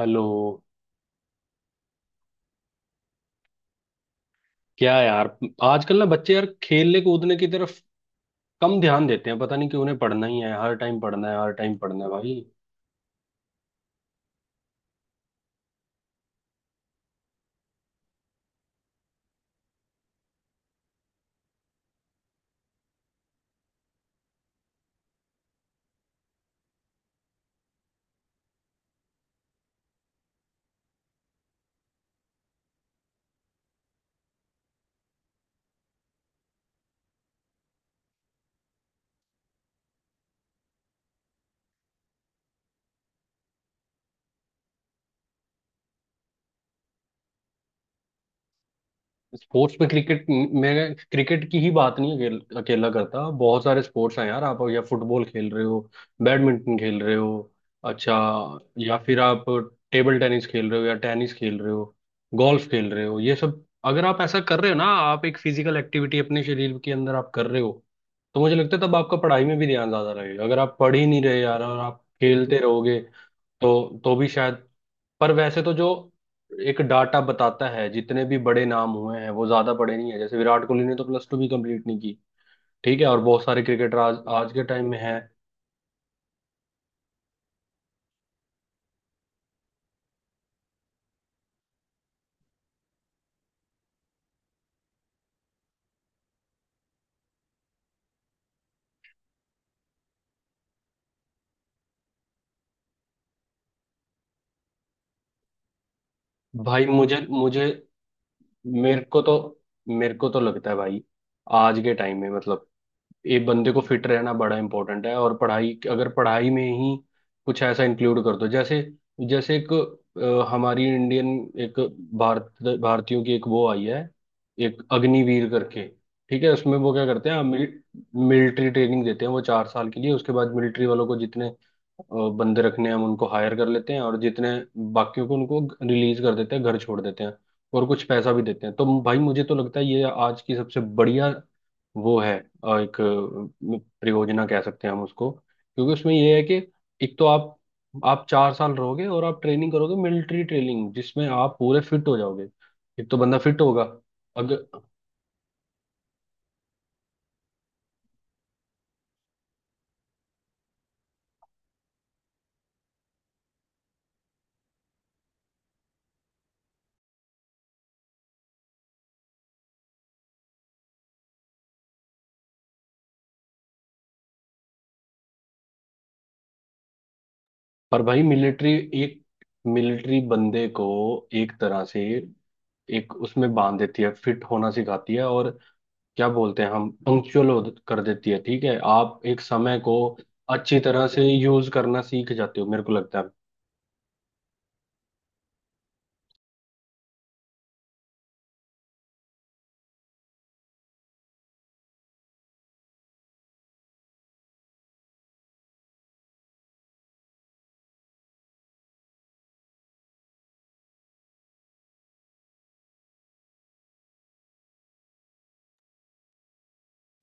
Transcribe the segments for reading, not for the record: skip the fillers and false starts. Hello. क्या यार। आजकल ना बच्चे यार खेलने कूदने की तरफ कम ध्यान देते हैं। पता नहीं कि उन्हें पढ़ना ही है, हर टाइम पढ़ना है, हर टाइम पढ़ना है भाई। स्पोर्ट्स में क्रिकेट, मैं क्रिकेट की ही बात नहीं। अकेला करता, बहुत सारे स्पोर्ट्स हैं यार। आप या फुटबॉल खेल रहे हो, बैडमिंटन खेल रहे हो। अच्छा। या फिर आप टेबल टेनिस खेल रहे हो, या टेनिस खेल रहे हो, गोल्फ खेल रहे हो। ये सब अगर आप ऐसा कर रहे हो ना, आप एक फिजिकल एक्टिविटी अपने शरीर के अंदर आप कर रहे हो, तो मुझे लगता है तब आपका पढ़ाई में भी ध्यान ज्यादा लगेगा। अगर आप पढ़ ही नहीं रहे यार और आप खेलते रहोगे तो भी शायद। पर वैसे तो जो एक डाटा बताता है, जितने भी बड़े नाम हुए हैं वो ज्यादा बड़े नहीं है। जैसे विराट कोहली ने तो +2 भी कंप्लीट नहीं की। ठीक है, और बहुत सारे क्रिकेटर आज आज के टाइम में हैं। भाई मुझे मुझे, मेरे को तो मेरे को तो लगता है भाई, आज के टाइम में मतलब, ये बंदे को फिट रहना बड़ा इंपॉर्टेंट है। और पढ़ाई, अगर पढ़ाई में ही कुछ ऐसा इंक्लूड कर दो, जैसे जैसे एक हमारी इंडियन एक भारत भारतीयों की एक वो आई है, एक अग्निवीर करके। ठीक है, उसमें वो क्या करते हैं? मिलिट्री ट्रेनिंग देते हैं वो 4 साल के लिए। उसके बाद मिलिट्री वालों को जितने बंदे रखने हैं, हम उनको हायर कर लेते हैं, और जितने बाकियों को उनको रिलीज कर देते हैं, घर छोड़ देते हैं, और कुछ पैसा भी देते हैं। तो भाई मुझे तो लगता है ये आज की सबसे बढ़िया वो है, एक परियोजना कह सकते हैं हम उसको, क्योंकि उसमें ये है कि एक तो आप 4 साल रहोगे और आप ट्रेनिंग करोगे, मिलिट्री ट्रेनिंग जिसमें आप पूरे फिट हो जाओगे। एक तो बंदा फिट होगा। अगर। पर भाई मिलिट्री एक, मिलिट्री बंदे को एक तरह से एक उसमें बांध देती है, फिट होना सिखाती है, और क्या बोलते हैं, हम पंक्चुअल कर देती है। ठीक है, आप एक समय को अच्छी तरह से यूज करना सीख जाते हो, मेरे को लगता है।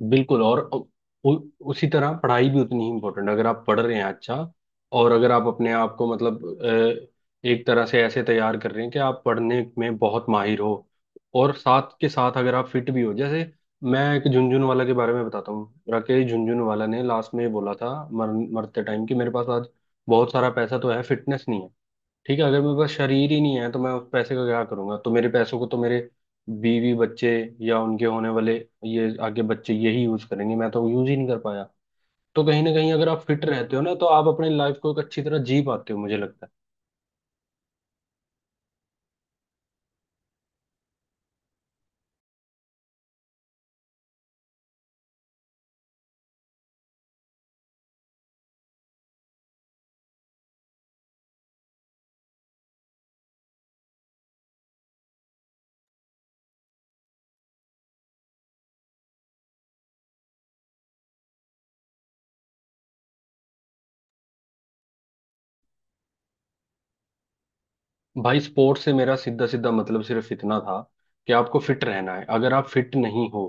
बिल्कुल, और उ, उ- उसी तरह पढ़ाई भी उतनी ही इम्पोर्टेंट है, अगर आप पढ़ रहे हैं अच्छा। और अगर आप अपने आप को मतलब एक तरह से ऐसे तैयार कर रहे हैं कि आप पढ़ने में बहुत माहिर हो, और साथ के साथ अगर आप फिट भी हो। जैसे मैं एक झुनझुनवाला के बारे में बताता हूँ। राकेश झुनझुनवाला ने लास्ट में बोला था मरते टाइम कि मेरे पास आज बहुत सारा पैसा तो है, फिटनेस नहीं है। ठीक है, अगर मेरे पास शरीर ही नहीं है तो मैं उस पैसे का क्या करूंगा। तो मेरे पैसों को तो मेरे बीवी बच्चे, या उनके होने वाले ये आगे बच्चे, यही यूज करेंगे, मैं तो यूज ही नहीं कर पाया। तो कहीं ना कहीं अगर आप फिट रहते हो ना, तो आप अपनी लाइफ को एक अच्छी तरह जी पाते हो, मुझे लगता है। भाई स्पोर्ट्स से मेरा सीधा सीधा मतलब सिर्फ इतना था, कि आपको फिट रहना है, अगर आप फिट नहीं हो।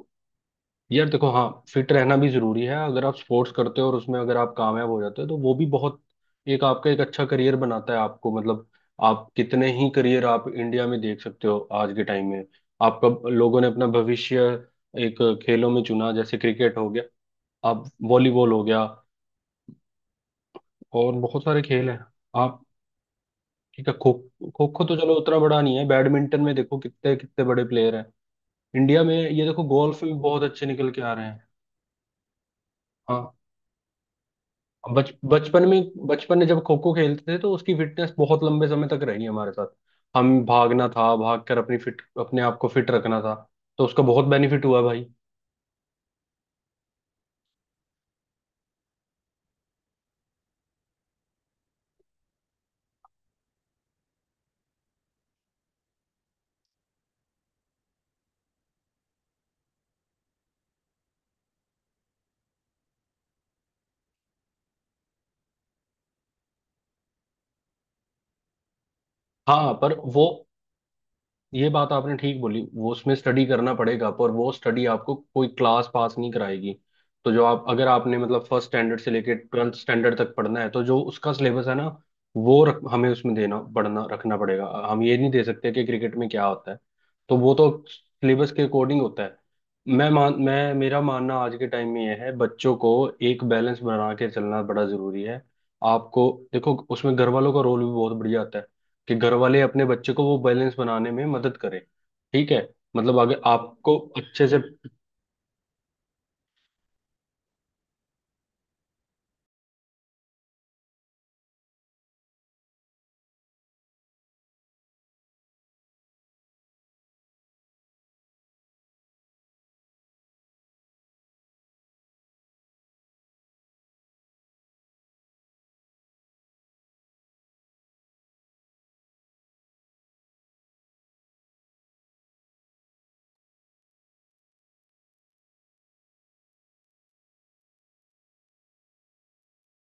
यार देखो, हाँ, फिट रहना भी जरूरी है। अगर आप स्पोर्ट्स करते हो और उसमें अगर आप कामयाब हो जाते हो, तो वो भी बहुत एक आपका एक अच्छा करियर बनाता है आपको। मतलब आप कितने ही करियर आप इंडिया में देख सकते हो आज के टाइम में। आपका लोगों ने अपना भविष्य एक खेलों में चुना। जैसे क्रिकेट हो गया, अब वॉलीबॉल हो गया, और बहुत सारे खेल हैं। आप, ठीक है, खो खो खो तो चलो उतना बड़ा नहीं है। बैडमिंटन में देखो कितने कितने बड़े प्लेयर हैं इंडिया में। ये देखो गोल्फ में भी बहुत अच्छे निकल के आ रहे हैं। हाँ, बच बचपन में जब खो खो खेलते थे तो उसकी फिटनेस बहुत लंबे समय तक रही हमारे साथ। हम भागना था, भाग कर अपनी फिट अपने आप को फिट रखना था। तो उसका बहुत बेनिफिट हुआ भाई। हाँ पर वो, ये बात आपने ठीक बोली, वो उसमें स्टडी करना पड़ेगा पर वो स्टडी आपको कोई क्लास पास नहीं कराएगी। तो जो आप, अगर आपने मतलब फर्स्ट स्टैंडर्ड से लेके 12th स्टैंडर्ड तक पढ़ना है, तो जो उसका सिलेबस है ना, हमें उसमें देना पढ़ना रखना पड़ेगा। हम ये नहीं दे सकते कि क्रिकेट में क्या होता है, तो वो तो सिलेबस के अकॉर्डिंग होता है। मैं मान मैं मेरा मानना आज के टाइम में यह है, बच्चों को एक बैलेंस बना के चलना बड़ा जरूरी है। आपको देखो उसमें घर वालों का रोल भी बहुत बढ़िया आता है, कि घर वाले अपने बच्चे को वो बैलेंस बनाने में मदद करें। ठीक है, मतलब अगर आपको अच्छे से।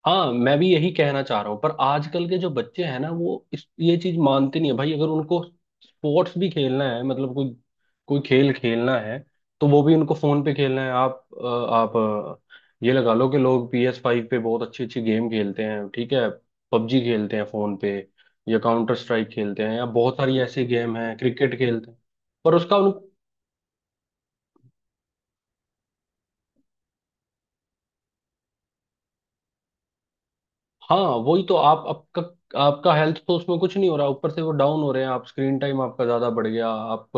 हाँ मैं भी यही कहना चाह रहा हूँ, पर आजकल के जो बच्चे हैं ना, वो इस ये चीज मानते नहीं है भाई। अगर उनको स्पोर्ट्स भी खेलना है, मतलब कोई कोई खेल खेलना है, तो वो भी उनको फोन पे खेलना है। आप ये लगा लो कि लोग PS5 पे बहुत अच्छी अच्छी गेम खेलते हैं। ठीक है, पबजी खेलते हैं फोन पे, या काउंटर स्ट्राइक खेलते हैं, या बहुत सारी ऐसी गेम है क्रिकेट खेलते हैं। पर उसका उन, हाँ वही तो। आप आपका आपका हेल्थ तो उसमें कुछ नहीं हो रहा, ऊपर से वो डाउन हो रहे हैं। आप स्क्रीन टाइम आपका ज्यादा बढ़ गया आप,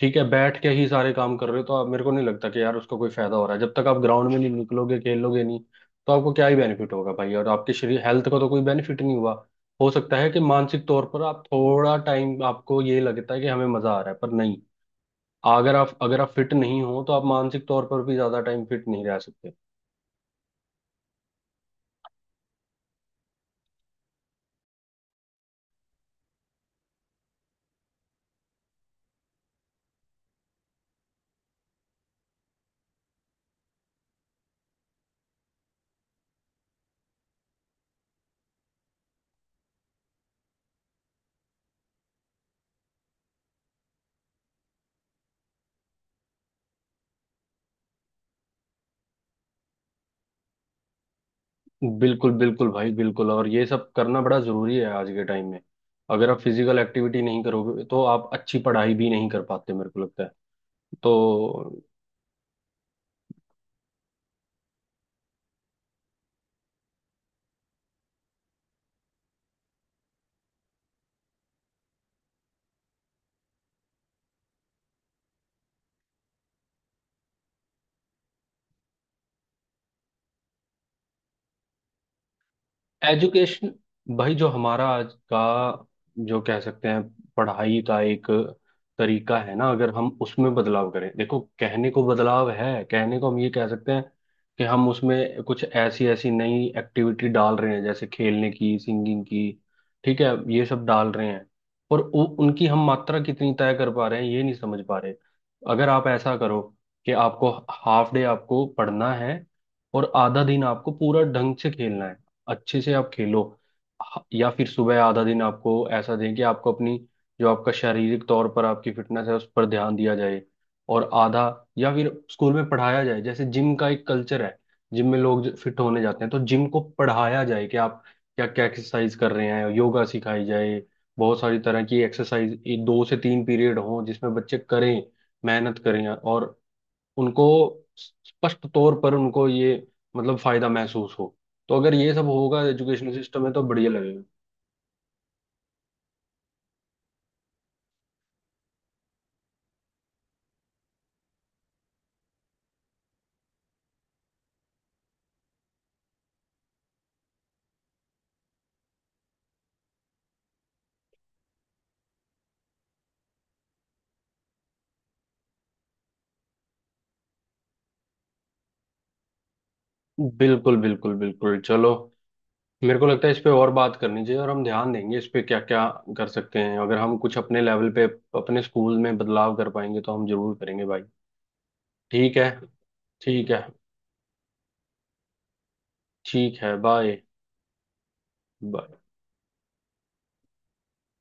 ठीक है, बैठ के ही सारे काम कर रहे हो, तो आप मेरे को नहीं लगता कि यार उसका कोई फायदा हो रहा है, जब तक आप ग्राउंड में नहीं निकलोगे, खेलोगे नहीं, तो आपको क्या ही बेनिफिट होगा भाई। और आपके शरीर हेल्थ का तो कोई बेनिफिट नहीं हुआ। हो सकता है कि मानसिक तौर पर आप थोड़ा टाइम आपको ये लगता है कि हमें मजा आ रहा है, पर नहीं। अगर आप फिट नहीं हो तो आप मानसिक तौर पर भी ज्यादा टाइम फिट नहीं रह सकते। बिल्कुल बिल्कुल भाई बिल्कुल, और ये सब करना बड़ा जरूरी है आज के टाइम में। अगर आप फिजिकल एक्टिविटी नहीं करोगे, तो आप अच्छी पढ़ाई भी नहीं कर पाते, मेरे को लगता है। तो एजुकेशन, भाई जो हमारा आज का जो कह सकते हैं पढ़ाई का एक तरीका है ना, अगर हम उसमें बदलाव करें, देखो कहने को बदलाव है, कहने को हम ये कह सकते हैं कि हम उसमें कुछ ऐसी ऐसी नई एक्टिविटी डाल रहे हैं, जैसे खेलने की, सिंगिंग की। ठीक है, ये सब डाल रहे हैं, पर उनकी हम मात्रा कितनी तय कर पा रहे हैं, ये नहीं समझ पा रहे। अगर आप ऐसा करो कि आपको हाफ डे आपको पढ़ना है, और आधा दिन आपको पूरा ढंग से खेलना है, अच्छे से आप खेलो। या फिर सुबह आधा दिन आपको ऐसा दें, कि आपको अपनी जो आपका शारीरिक तौर पर आपकी फिटनेस है उस पर ध्यान दिया जाए, और आधा, या फिर स्कूल में पढ़ाया जाए। जैसे जिम का एक कल्चर है, जिम में लोग फिट होने जाते हैं, तो जिम को पढ़ाया जाए कि आप क्या क्या एक्सरसाइज कर रहे हैं, योगा सिखाई जाए, बहुत सारी तरह की एक्सरसाइज। 2 से 3 पीरियड हो जिसमें बच्चे करें, मेहनत करें और उनको स्पष्ट तौर पर उनको ये मतलब फायदा महसूस हो। तो अगर ये सब होगा एजुकेशन सिस्टम में, तो बढ़िया लगेगा। बिल्कुल बिल्कुल बिल्कुल, चलो मेरे को लगता है इस पे और बात करनी चाहिए, और हम ध्यान देंगे इस पे क्या क्या कर सकते हैं। अगर हम कुछ अपने लेवल पे अपने स्कूल में बदलाव कर पाएंगे, तो हम जरूर करेंगे भाई। ठीक है, ठीक है, ठीक है, बाय। बाय।